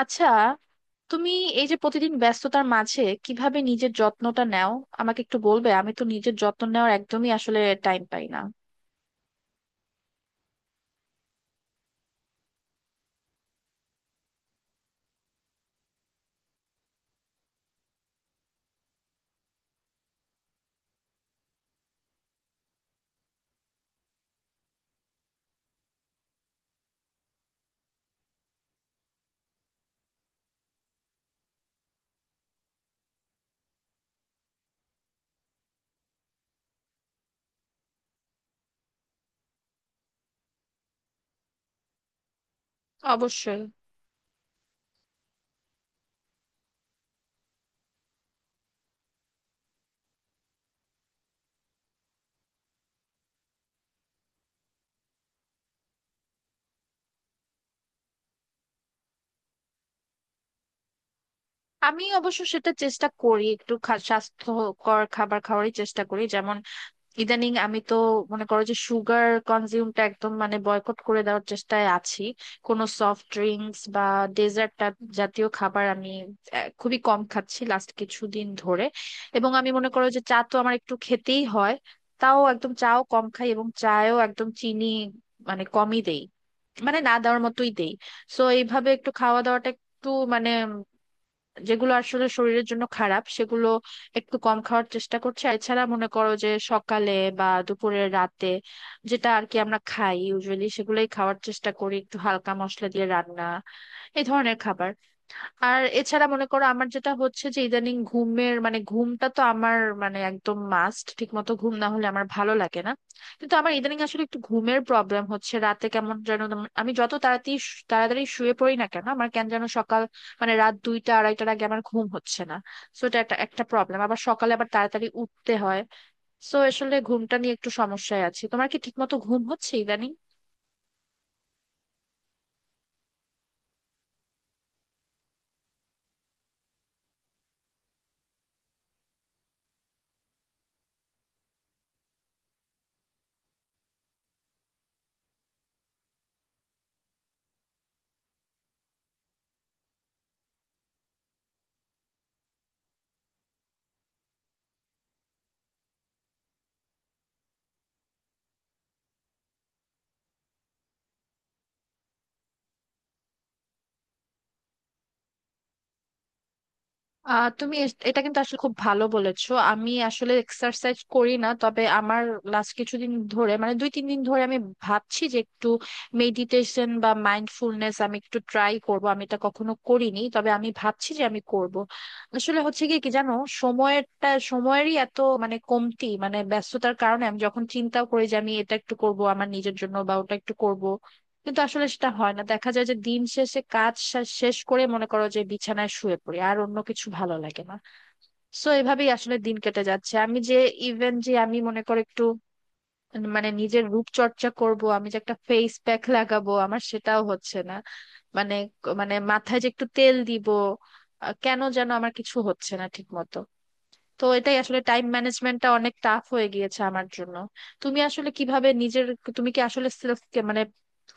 আচ্ছা, তুমি এই যে প্রতিদিন ব্যস্ততার মাঝে কিভাবে নিজের যত্নটা নাও আমাকে একটু বলবে? আমি তো নিজের যত্ন নেওয়ার একদমই আসলে টাইম পাই না। অবশ্যই। আমি অবশ্য সেটা চেষ্টা করি, একটু স্বাস্থ্যকর খাবার খাওয়ারই চেষ্টা করি। যেমন ইদানিং আমি তো মনে করো যে সুগার কনজিউমটা একদম মানে বয়কট করে দেওয়ার চেষ্টায় আছি। কোনো সফট ড্রিঙ্কস বা ডেজার্ট জাতীয় খাবার আমি খুবই কম খাচ্ছি লাস্ট কিছুদিন ধরে। এবং আমি মনে করো যে চা তো আমার একটু খেতেই হয়। তাও একদম চাও কম খাই এবং চায়ও একদম চিনি মানে কমই দেই, মানে না দেওয়ার মতোই দেই। সো এইভাবে একটু খাওয়া দাওয়াটা একটু মানে যেগুলো আসলে শরীরের জন্য খারাপ সেগুলো একটু কম খাওয়ার চেষ্টা করছি। আর এছাড়া মনে করো যে সকালে বা দুপুরে রাতে যেটা আর কি আমরা খাই ইউজুয়ালি সেগুলোই খাওয়ার চেষ্টা করি, একটু হালকা মশলা দিয়ে রান্না এই ধরনের খাবার। আর এছাড়া মনে করো আমার যেটা হচ্ছে যে ইদানিং ঘুমের মানে ঘুমটা তো আমার মানে একদম মাস্ট, ঠিক মতো ঘুম না হলে আমার ভালো লাগে না। কিন্তু আমার ইদানিং আসলে একটু ঘুমের প্রবলেম হচ্ছে, রাতে কেমন যেন আমি যত তাড়াতাড়ি তাড়াতাড়ি শুয়ে পড়ি না কেন আমার কেন যেন সকাল মানে রাত দুইটা আড়াইটার আগে আমার ঘুম হচ্ছে না। সো এটা একটা একটা প্রবলেম, আবার সকালে আবার তাড়াতাড়ি উঠতে হয়। সো আসলে ঘুমটা নিয়ে একটু সমস্যায় আছি। তোমার কি ঠিক মতো ঘুম হচ্ছে ইদানিং? তুমি এটা কিন্তু আসলে খুব ভালো বলেছো। আমি আসলে এক্সারসাইজ করি না, তবে আমার লাস্ট কিছুদিন ধরে মানে দুই তিন দিন ধরে আমি ভাবছি যে একটু মেডিটেশন বা মাইন্ডফুলনেস আমি একটু ট্রাই করব। আমি এটা কখনো করিনি, তবে আমি ভাবছি যে আমি করব। আসলে হচ্ছে কি কি জানো, সময়েরটা সময়েরই এত মানে কমতি, মানে ব্যস্ততার কারণে আমি যখন চিন্তা করি যে আমি এটা একটু করব আমার নিজের জন্য বা ওটা একটু করব কিন্তু আসলে সেটা হয় না। দেখা যায় যে দিন শেষে কাজ শেষ করে মনে করো যে বিছানায় শুয়ে পড়ি আর অন্য কিছু ভালো লাগে না। সো এভাবেই আসলে দিন কেটে যাচ্ছে। আমি যে ইভেন যে আমি মনে করো একটু মানে নিজের রূপচর্চা করব, আমি যে একটা ফেস প্যাক লাগাবো আমার সেটাও হচ্ছে না। মানে মানে মাথায় যে একটু তেল দিব, কেন যেন আমার কিছু হচ্ছে না ঠিক মতো। তো এটাই আসলে, টাইম ম্যানেজমেন্টটা অনেক টাফ হয়ে গিয়েছে আমার জন্য। তুমি আসলে কিভাবে নিজের, তুমি কি আসলে সেলফ মানে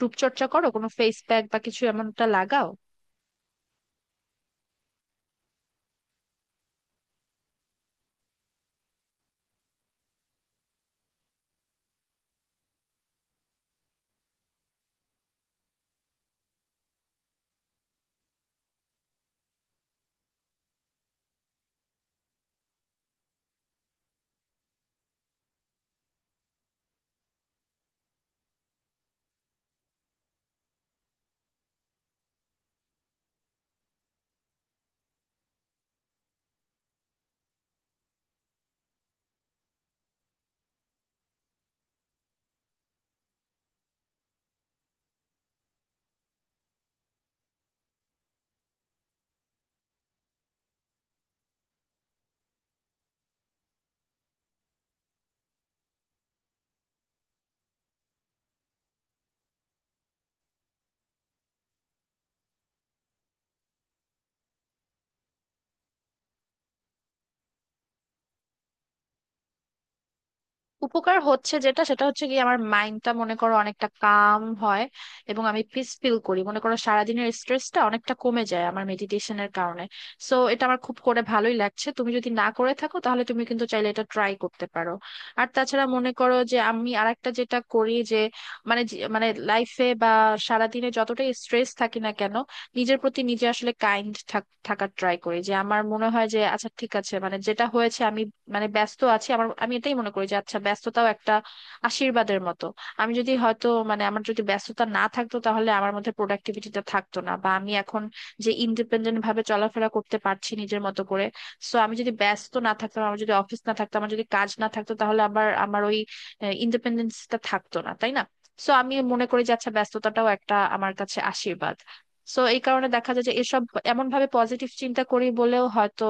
রূপচর্চা করো? কোনো ফেস প্যাক বা কিছু এমনটা লাগাও? উপকার হচ্ছে, যেটা সেটা হচ্ছে কি, আমার মাইন্ডটা মনে করো অনেকটা কাম হয় এবং আমি পিস ফিল করি। মনে করো সারাদিনের স্ট্রেসটা অনেকটা কমে যায় আমার মেডিটেশনের কারণে। সো এটা আমার খুব করে ভালোই লাগছে। তুমি যদি না করে থাকো তাহলে তুমি কিন্তু চাইলে এটা ট্রাই করতে পারো। আর তাছাড়া মনে করো যে আমি আরেকটা যেটা করি যে মানে মানে লাইফে বা সারাদিনে যতটাই স্ট্রেস থাকি না কেন নিজের প্রতি নিজে আসলে কাইন্ড থাকার ট্রাই করি। যে আমার মনে হয় যে আচ্ছা ঠিক আছে, মানে যেটা হয়েছে আমি মানে ব্যস্ত আছি, আমার আমি এটাই মনে করি যে আচ্ছা ব্যস্ততাও একটা আশীর্বাদের মতো। আমি যদি হয়তো মানে আমার যদি ব্যস্ততা না থাকতো তাহলে আমার মধ্যে প্রোডাক্টিভিটিটা থাকতো না, বা আমি এখন যে ইন্ডিপেন্ডেন্ট ভাবে চলাফেরা করতে পারছি নিজের মতো করে, সো আমি যদি ব্যস্ত না থাকতাম, আমার যদি অফিস না থাকতো, আমার যদি কাজ না থাকতো তাহলে আবার আমার ওই ইন্ডিপেন্ডেন্সটা থাকতো না, তাই না? সো আমি মনে করি যে আচ্ছা ব্যস্ততাটাও একটা আমার কাছে আশীর্বাদ। সো এই কারণে দেখা যায় যে এসব এমন ভাবে পজিটিভ চিন্তা করি বলেও হয়তো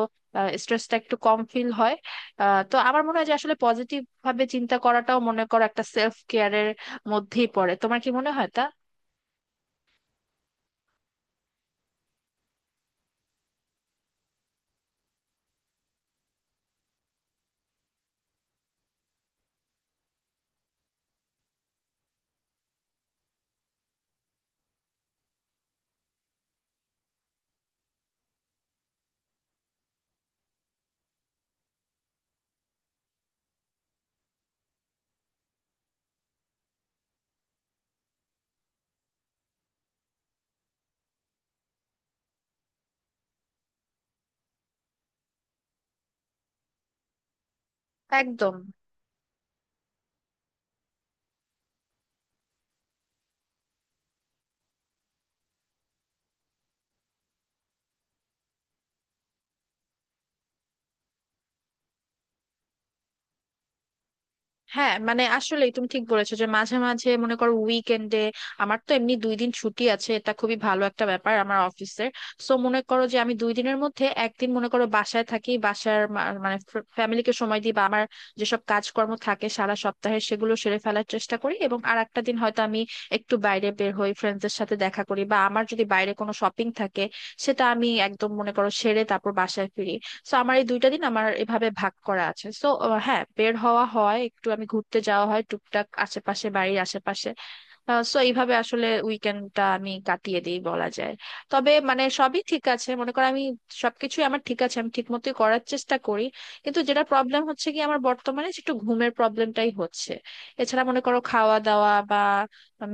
স্ট্রেসটা একটু কম ফিল হয়। তো আমার মনে হয় যে আসলে পজিটিভ ভাবে চিন্তা করাটাও মনে করো একটা সেলফ কেয়ারের মধ্যেই পড়ে। তোমার কি মনে হয় তা? একদম। হ্যাঁ মানে আসলে তুমি ঠিক বলেছো যে মাঝে মাঝে মনে করো উইকেন্ডে, আমার তো এমনি দুই দিন ছুটি আছে, এটা খুবই ভালো একটা ব্যাপার আমার অফিসের। সো মনে করো যে আমি দুই দিনের মধ্যে একদিন মনে করো বাসায় থাকি, বাসার মানে ফ্যামিলিকে সময় দিই বা আমার যেসব কাজকর্ম থাকে সারা সপ্তাহে সেগুলো সেরে ফেলার চেষ্টা করি, এবং আর একটা দিন হয়তো আমি একটু বাইরে বের হই, ফ্রেন্ডসদের সাথে দেখা করি বা আমার যদি বাইরে কোনো শপিং থাকে সেটা আমি একদম মনে করো সেরে তারপর বাসায় ফিরি। সো আমার এই দুইটা দিন আমার এভাবে ভাগ করা আছে। সো হ্যাঁ, বের হওয়া হয় একটু, আমি ঘুরতে যাওয়া হয় টুকটাক আশেপাশে বাড়ির আশেপাশে। সো এইভাবে আসলে উইকেন্ডটা আমি কাটিয়ে দিই বলা যায়। তবে মানে সবই ঠিক আছে, মনে করো আমি সবকিছুই আমার ঠিক আছে, আমি ঠিক মতোই করার চেষ্টা করি। কিন্তু যেটা প্রবলেম হচ্ছে কি, আমার বর্তমানে যে একটু ঘুমের প্রবলেমটাই হচ্ছে। এছাড়া মনে করো খাওয়া দাওয়া বা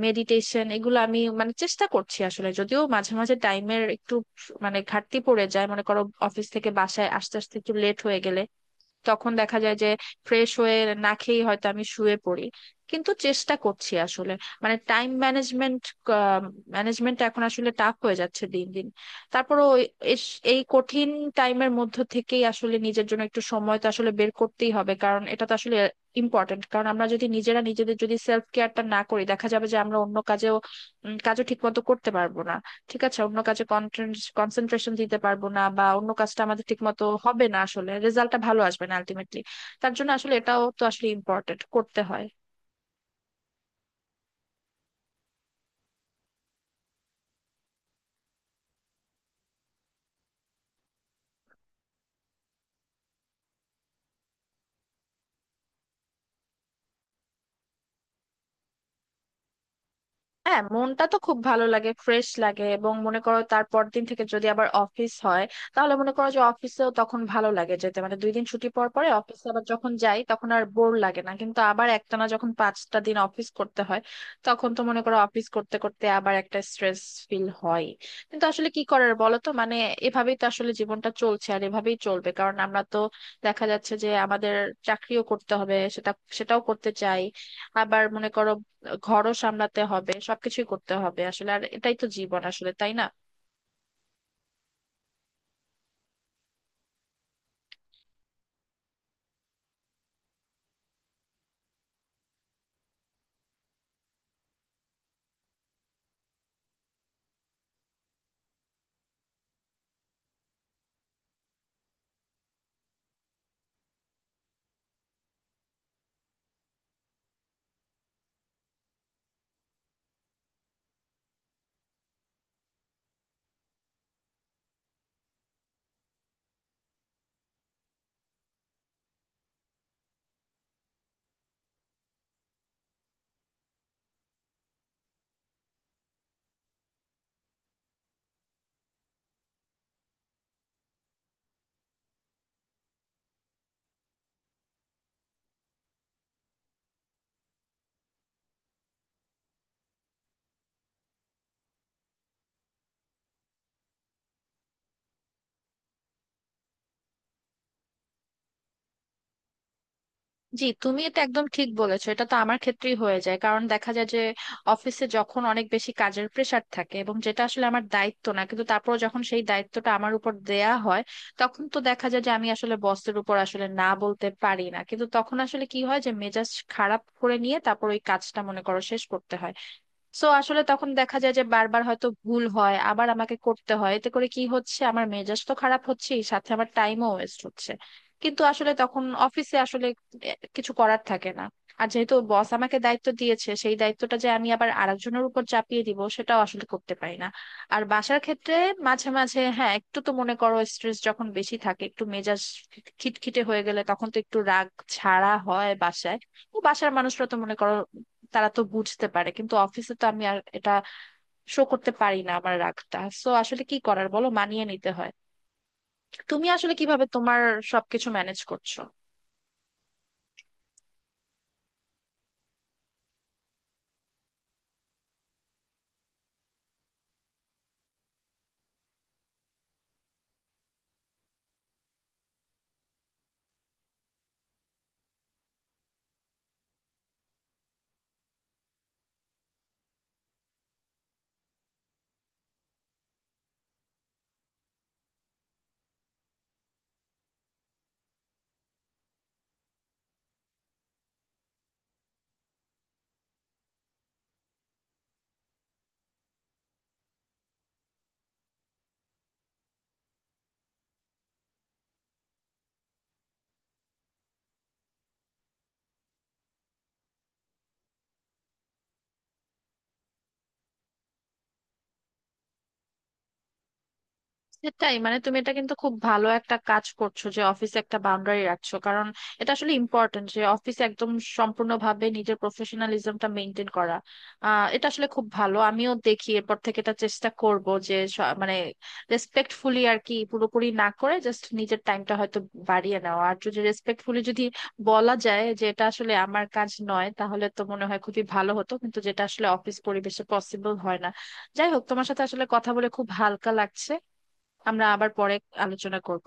মেডিটেশন এগুলো আমি মানে চেষ্টা করছি আসলে, যদিও মাঝে মাঝে টাইমের একটু মানে ঘাটতি পড়ে যায়, মনে করো অফিস থেকে বাসায় আস্তে আস্তে একটু লেট হয়ে গেলে। তখন দেখা যায় যে ফ্রেশ হয়ে না খেয়েই হয়তো আমি শুয়ে পড়ি। কিন্তু চেষ্টা করছি আসলে, মানে টাইম ম্যানেজমেন্ট ম্যানেজমেন্ট এখন আসলে টাফ হয়ে যাচ্ছে দিন দিন। তারপরও এই কঠিন টাইমের মধ্য থেকেই আসলে নিজের জন্য একটু সময় তো আসলে বের করতেই হবে, কারণ এটা তো আসলে ইম্পর্টেন্ট। কারণ আমরা যদি নিজেরা নিজেদের যদি সেলফ কেয়ারটা না করি দেখা যাবে যে আমরা অন্য কাজেও, কাজও ঠিক মতো করতে পারবো না। ঠিক আছে, অন্য কাজে কনসেন্ট্রেশন দিতে পারবো না বা অন্য কাজটা আমাদের ঠিক মতো হবে না, আসলে রেজাল্টটা ভালো আসবে না আলটিমেটলি। তার জন্য আসলে এটাও তো আসলে ইম্পর্টেন্ট করতে হয়। হ্যাঁ মনটা তো খুব ভালো লাগে, ফ্রেশ লাগে, এবং মনে করো তারপর দিন থেকে যদি আবার অফিস হয় তাহলে মনে করো যে অফিসেও তখন ভালো লাগে যেতে। মানে দুই দিন ছুটি পর পরে অফিসে আবার যখন যাই তখন আর বোর লাগে না, কিন্তু আবার একটানা যখন পাঁচটা দিন অফিস করতে হয় তখন তো মনে করো অফিস করতে করতে আবার একটা স্ট্রেস ফিল হয়। কিন্তু আসলে কি করার বলো তো, মানে এভাবেই তো আসলে জীবনটা চলছে আর এভাবেই চলবে। কারণ আমরা তো দেখা যাচ্ছে যে আমাদের চাকরিও করতে হবে, সেটাও করতে চাই। আবার মনে করো ঘরও সামলাতে হবে, সবকিছুই করতে হবে আসলে, আর এটাই তো জীবন আসলে, তাই না? জি, তুমি এটা একদম ঠিক বলেছো। এটা তো আমার ক্ষেত্রেই হয়ে যায়, কারণ দেখা যায় যে অফিসে যখন অনেক বেশি কাজের প্রেসার থাকে এবং যেটা আসলে আমার দায়িত্ব না, কিন্তু তারপর যখন সেই দায়িত্বটা আমার উপর দেয়া হয় তখন তো দেখা যায় যে আমি আসলে বসের উপর আসলে না বলতে পারি না, কিন্তু তখন আসলে কি হয়, যে মেজাজ খারাপ করে নিয়ে তারপর ওই কাজটা মনে করো শেষ করতে হয়। সো আসলে তখন দেখা যায় যে বারবার হয়তো ভুল হয়, আবার আমাকে করতে হয়, এতে করে কি হচ্ছে আমার মেজাজ তো খারাপ হচ্ছে, সাথে আমার টাইমও ওয়েস্ট হচ্ছে। কিন্তু আসলে তখন অফিসে আসলে কিছু করার থাকে না। আর যেহেতু বস আমাকে দায়িত্ব দিয়েছে সেই দায়িত্বটা যে আমি আবার আরেকজনের উপর চাপিয়ে দিব সেটাও আসলে করতে পারি না। আর বাসার ক্ষেত্রে মাঝে মাঝে হ্যাঁ একটু তো মনে করো স্ট্রেস যখন বেশি থাকে, একটু মেজাজ খিটখিটে হয়ে গেলে তখন তো একটু রাগ ছাড়া হয় বাসায়। তো বাসার মানুষরা তো মনে করো, তারা তো বুঝতে পারে, কিন্তু অফিসে তো আমি আর এটা শো করতে পারি না আমার রাগটা। সো আসলে কি করার বলো, মানিয়ে নিতে হয়। তুমি আসলে কিভাবে তোমার সবকিছু ম্যানেজ করছো? সেটাই, মানে তুমি এটা কিন্তু খুব ভালো একটা কাজ করছো যে অফিসে একটা বাউন্ডারি রাখছো, কারণ এটা আসলে ইম্পর্টেন্ট যে অফিসে একদম সম্পূর্ণভাবে নিজের প্রফেশনালিজমটা মেনটেন করা। এটা আসলে খুব ভালো। আমিও দেখি এরপর থেকে এটা চেষ্টা করব যে মানে রেসপেক্টফুলি আর কি পুরোপুরি না করে জাস্ট নিজের টাইমটা হয়তো বাড়িয়ে নেওয়া। আর যদি রেসপেক্টফুলি যদি বলা যায় যে এটা আসলে আমার কাজ নয় তাহলে তো মনে হয় খুবই ভালো হতো, কিন্তু যেটা আসলে অফিস পরিবেশে পসিবল হয় না। যাই হোক, তোমার সাথে আসলে কথা বলে খুব হালকা লাগছে। আমরা আবার পরে আলোচনা করব।